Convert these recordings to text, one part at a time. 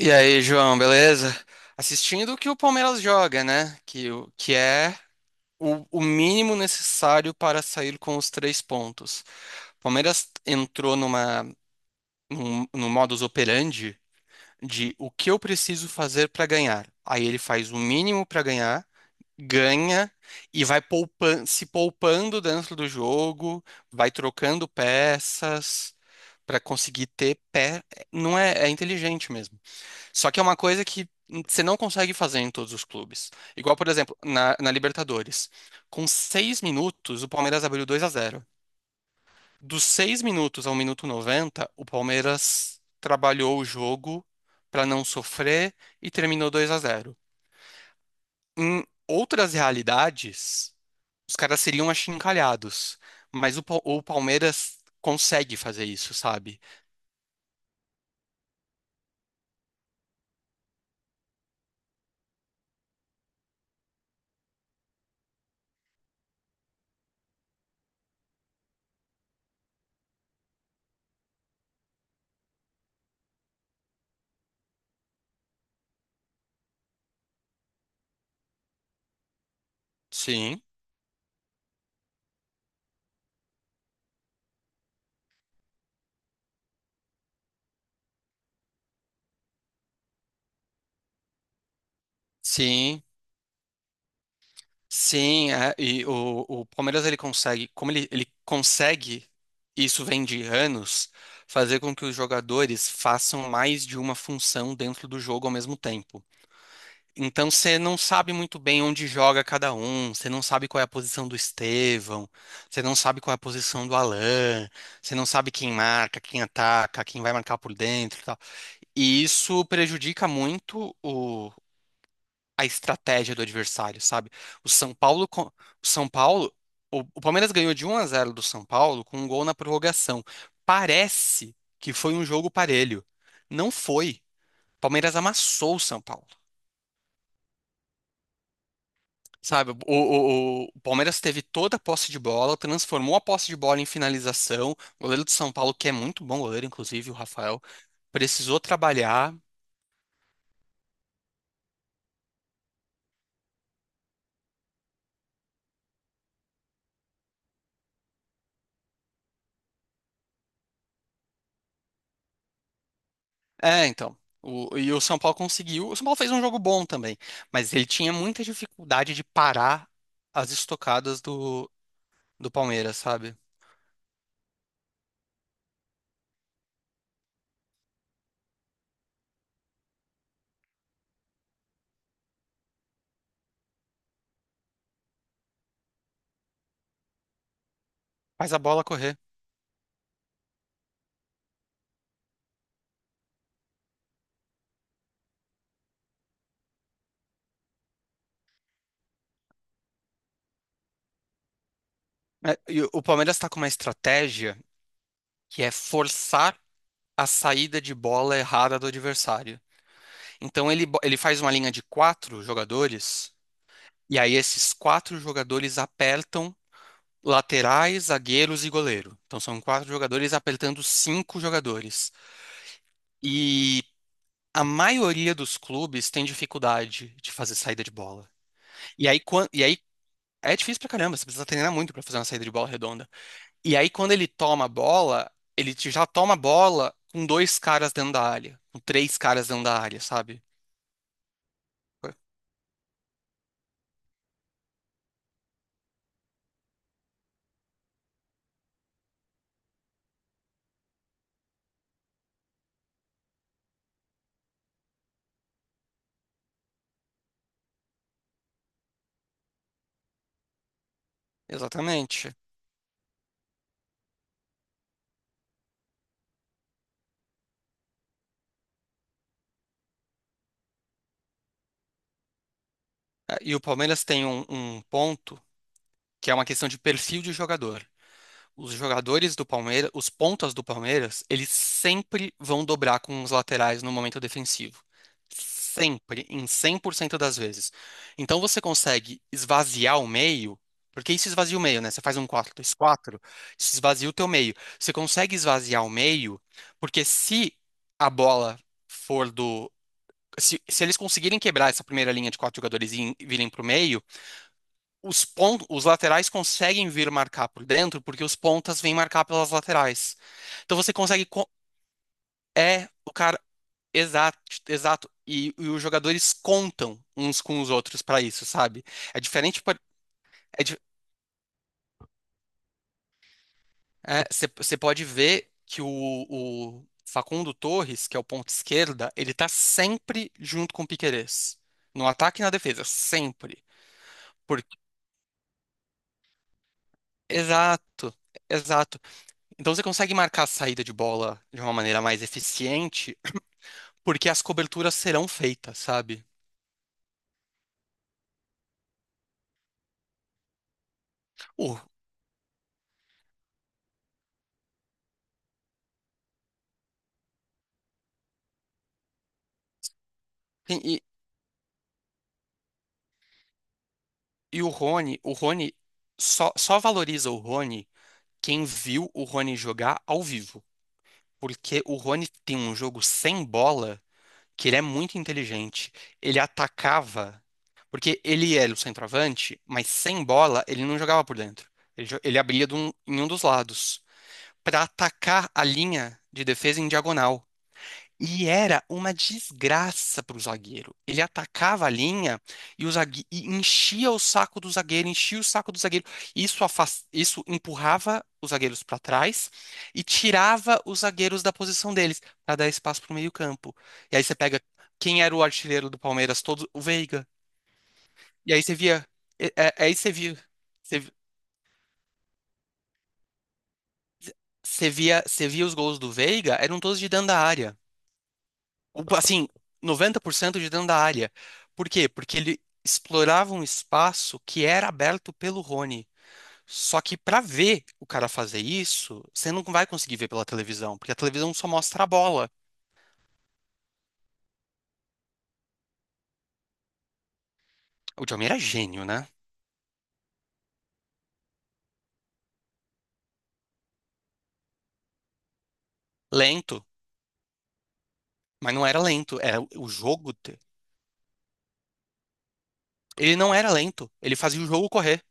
E aí, João, beleza? Assistindo o que o Palmeiras joga, né? Que é o mínimo necessário para sair com os três pontos. O Palmeiras entrou num modus operandi de o que eu preciso fazer para ganhar. Aí ele faz o mínimo para ganhar, ganha e vai se poupando dentro do jogo, vai trocando peças para conseguir ter pé. Não é, é inteligente mesmo. Só que é uma coisa que você não consegue fazer em todos os clubes. Igual, por exemplo, na Libertadores. Com 6 minutos, o Palmeiras abriu 2-0. Dos 6 minutos ao minuto 90, o Palmeiras trabalhou o jogo para não sofrer e terminou 2-0. Em outras realidades, os caras seriam achincalhados. Mas o Palmeiras consegue fazer isso, sabe? Sim, sim. Sim, é, e o Palmeiras ele consegue, como ele consegue, isso vem de anos, fazer com que os jogadores façam mais de uma função dentro do jogo ao mesmo tempo. Então você não sabe muito bem onde joga cada um, você não sabe qual é a posição do Estevão, você não sabe qual é a posição do Alan, você não sabe quem marca, quem ataca, quem vai marcar por dentro e tal. E isso prejudica muito a estratégia do adversário, sabe? O São Paulo, co- o São Paulo, o Palmeiras ganhou de 1-0 do São Paulo com um gol na prorrogação. Parece que foi um jogo parelho. Não foi. O Palmeiras amassou o São Paulo. Sabe, o Palmeiras teve toda a posse de bola, transformou a posse de bola em finalização. O goleiro do São Paulo, que é muito bom goleiro, inclusive, o Rafael, precisou trabalhar. É, então. E o São Paulo conseguiu. O São Paulo fez um jogo bom também, mas ele tinha muita dificuldade de parar as estocadas do Palmeiras, sabe? Faz a bola correr. É, e o Palmeiras está com uma estratégia que é forçar a saída de bola errada do adversário. Então ele faz uma linha de quatro jogadores, e aí esses quatro jogadores apertam laterais, zagueiros e goleiro. Então são quatro jogadores apertando cinco jogadores. E a maioria dos clubes tem dificuldade de fazer saída de bola. E aí, é difícil pra caramba, você precisa treinar muito pra fazer uma saída de bola redonda. E aí, quando ele toma a bola, ele já toma a bola com dois caras dentro da área, com três caras dentro da área, sabe? Exatamente. É, e o Palmeiras tem um ponto que é uma questão de perfil de jogador. Os jogadores do Palmeiras, os pontas do Palmeiras, eles sempre vão dobrar com os laterais no momento defensivo. Sempre, em 100% das vezes. Então você consegue esvaziar o meio, porque isso esvazia o meio, né? Você faz um 4-2-4, isso esvazia o teu meio. Você consegue esvaziar o meio, porque se a bola for do. Se eles conseguirem quebrar essa primeira linha de quatro jogadores e virem para o meio, os pontos, os laterais conseguem vir marcar por dentro porque os pontas vêm marcar pelas laterais. Então você consegue. É o cara. Exato, exato. E os jogadores contam uns com os outros para isso, sabe? É diferente. É, di- é, você pode ver que o Facundo Torres, que é o ponto esquerda, ele tá sempre junto com o Piquerez. No ataque e na defesa, sempre. Porque, exato. Exato. Então você consegue marcar a saída de bola de uma maneira mais eficiente, porque as coberturas serão feitas, sabe? O- e, e- o Rony, o Rony só valoriza o Rony quem viu o Rony jogar ao vivo. Porque o Rony tem um jogo sem bola que ele é muito inteligente. Ele atacava, porque ele era o centroavante, mas sem bola ele não jogava por dentro. Ele abria em um dos lados para atacar a linha de defesa em diagonal. E era uma desgraça para o zagueiro. Ele atacava a linha e enchia o saco do zagueiro, enchia o saco do zagueiro. Isso empurrava os zagueiros para trás e tirava os zagueiros da posição deles para dar espaço para o meio-campo. E aí você pega quem era o artilheiro do Palmeiras todo, o Veiga. E aí você via, é- é- aí você via, você você via os gols do Veiga, eram todos de dentro da área. Assim, 90% de dentro da área. Por quê? Porque ele explorava um espaço que era aberto pelo Rony. Só que para ver o cara fazer isso, você não vai conseguir ver pela televisão, porque a televisão só mostra a bola. O John Mayer era gênio, né? Lento, mas não era lento. Era o jogo. Ele não era lento. Ele fazia o jogo correr.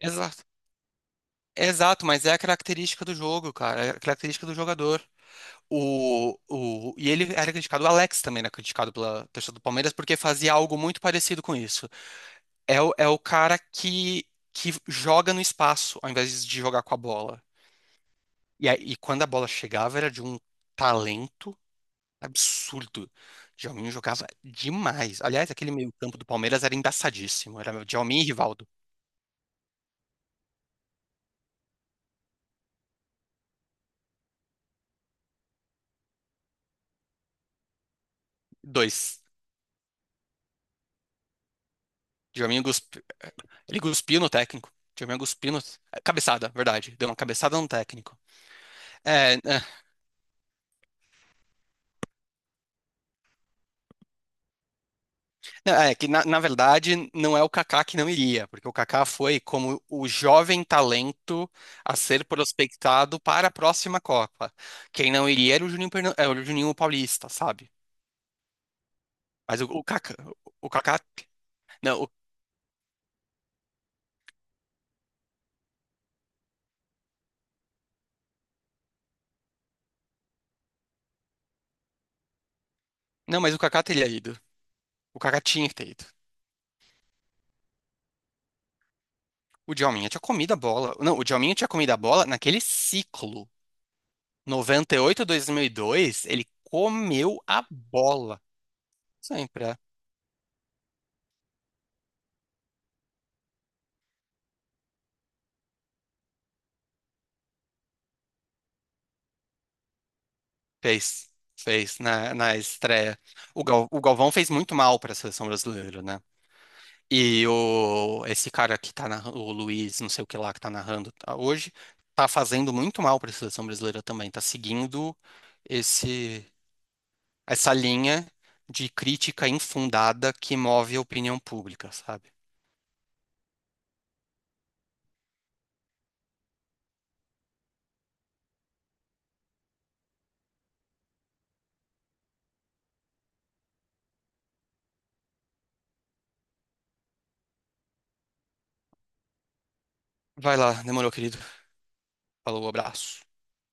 Exato. Exato, mas é a característica do jogo, cara. É a característica do jogador. E ele era criticado, o Alex também era criticado pela torcida do Palmeiras porque fazia algo muito parecido com isso. É o cara que joga no espaço ao invés de jogar com a bola. E quando a bola chegava, era de um talento absurdo. Djalminho jogava demais. Aliás, aquele meio-campo do Palmeiras era embaçadíssimo. Era Djalminho e Rivaldo. Dois. Djalminho cuspiu. Ele cuspiu no técnico. Djalminho cuspiu no. Cabeçada, verdade. Deu uma cabeçada no técnico. É. É. É que, na verdade, não é o Kaká que não iria, porque o Kaká foi como o jovem talento a ser prospectado para a próxima Copa. Quem não iria era o Juninho, era o Juninho Paulista, sabe? Mas o Kaká, o Kaká, não, não, mas o Kaká teria ido. O Kaká tinha que ter ido. O Djalminha tinha comido a bola. Não, o Djalminha tinha comido a bola naquele ciclo. 98 a 2002, ele comeu a bola. Sempre. É. Fez, fez na estreia. O Galvão fez muito mal para a seleção brasileira, né? E esse cara que tá narrando o Luiz, não sei o que lá, que tá narrando, hoje, tá fazendo muito mal para a seleção brasileira também. Tá seguindo esse, essa linha de crítica infundada que move a opinião pública, sabe? Vai lá, demorou, querido. Falou, abraço.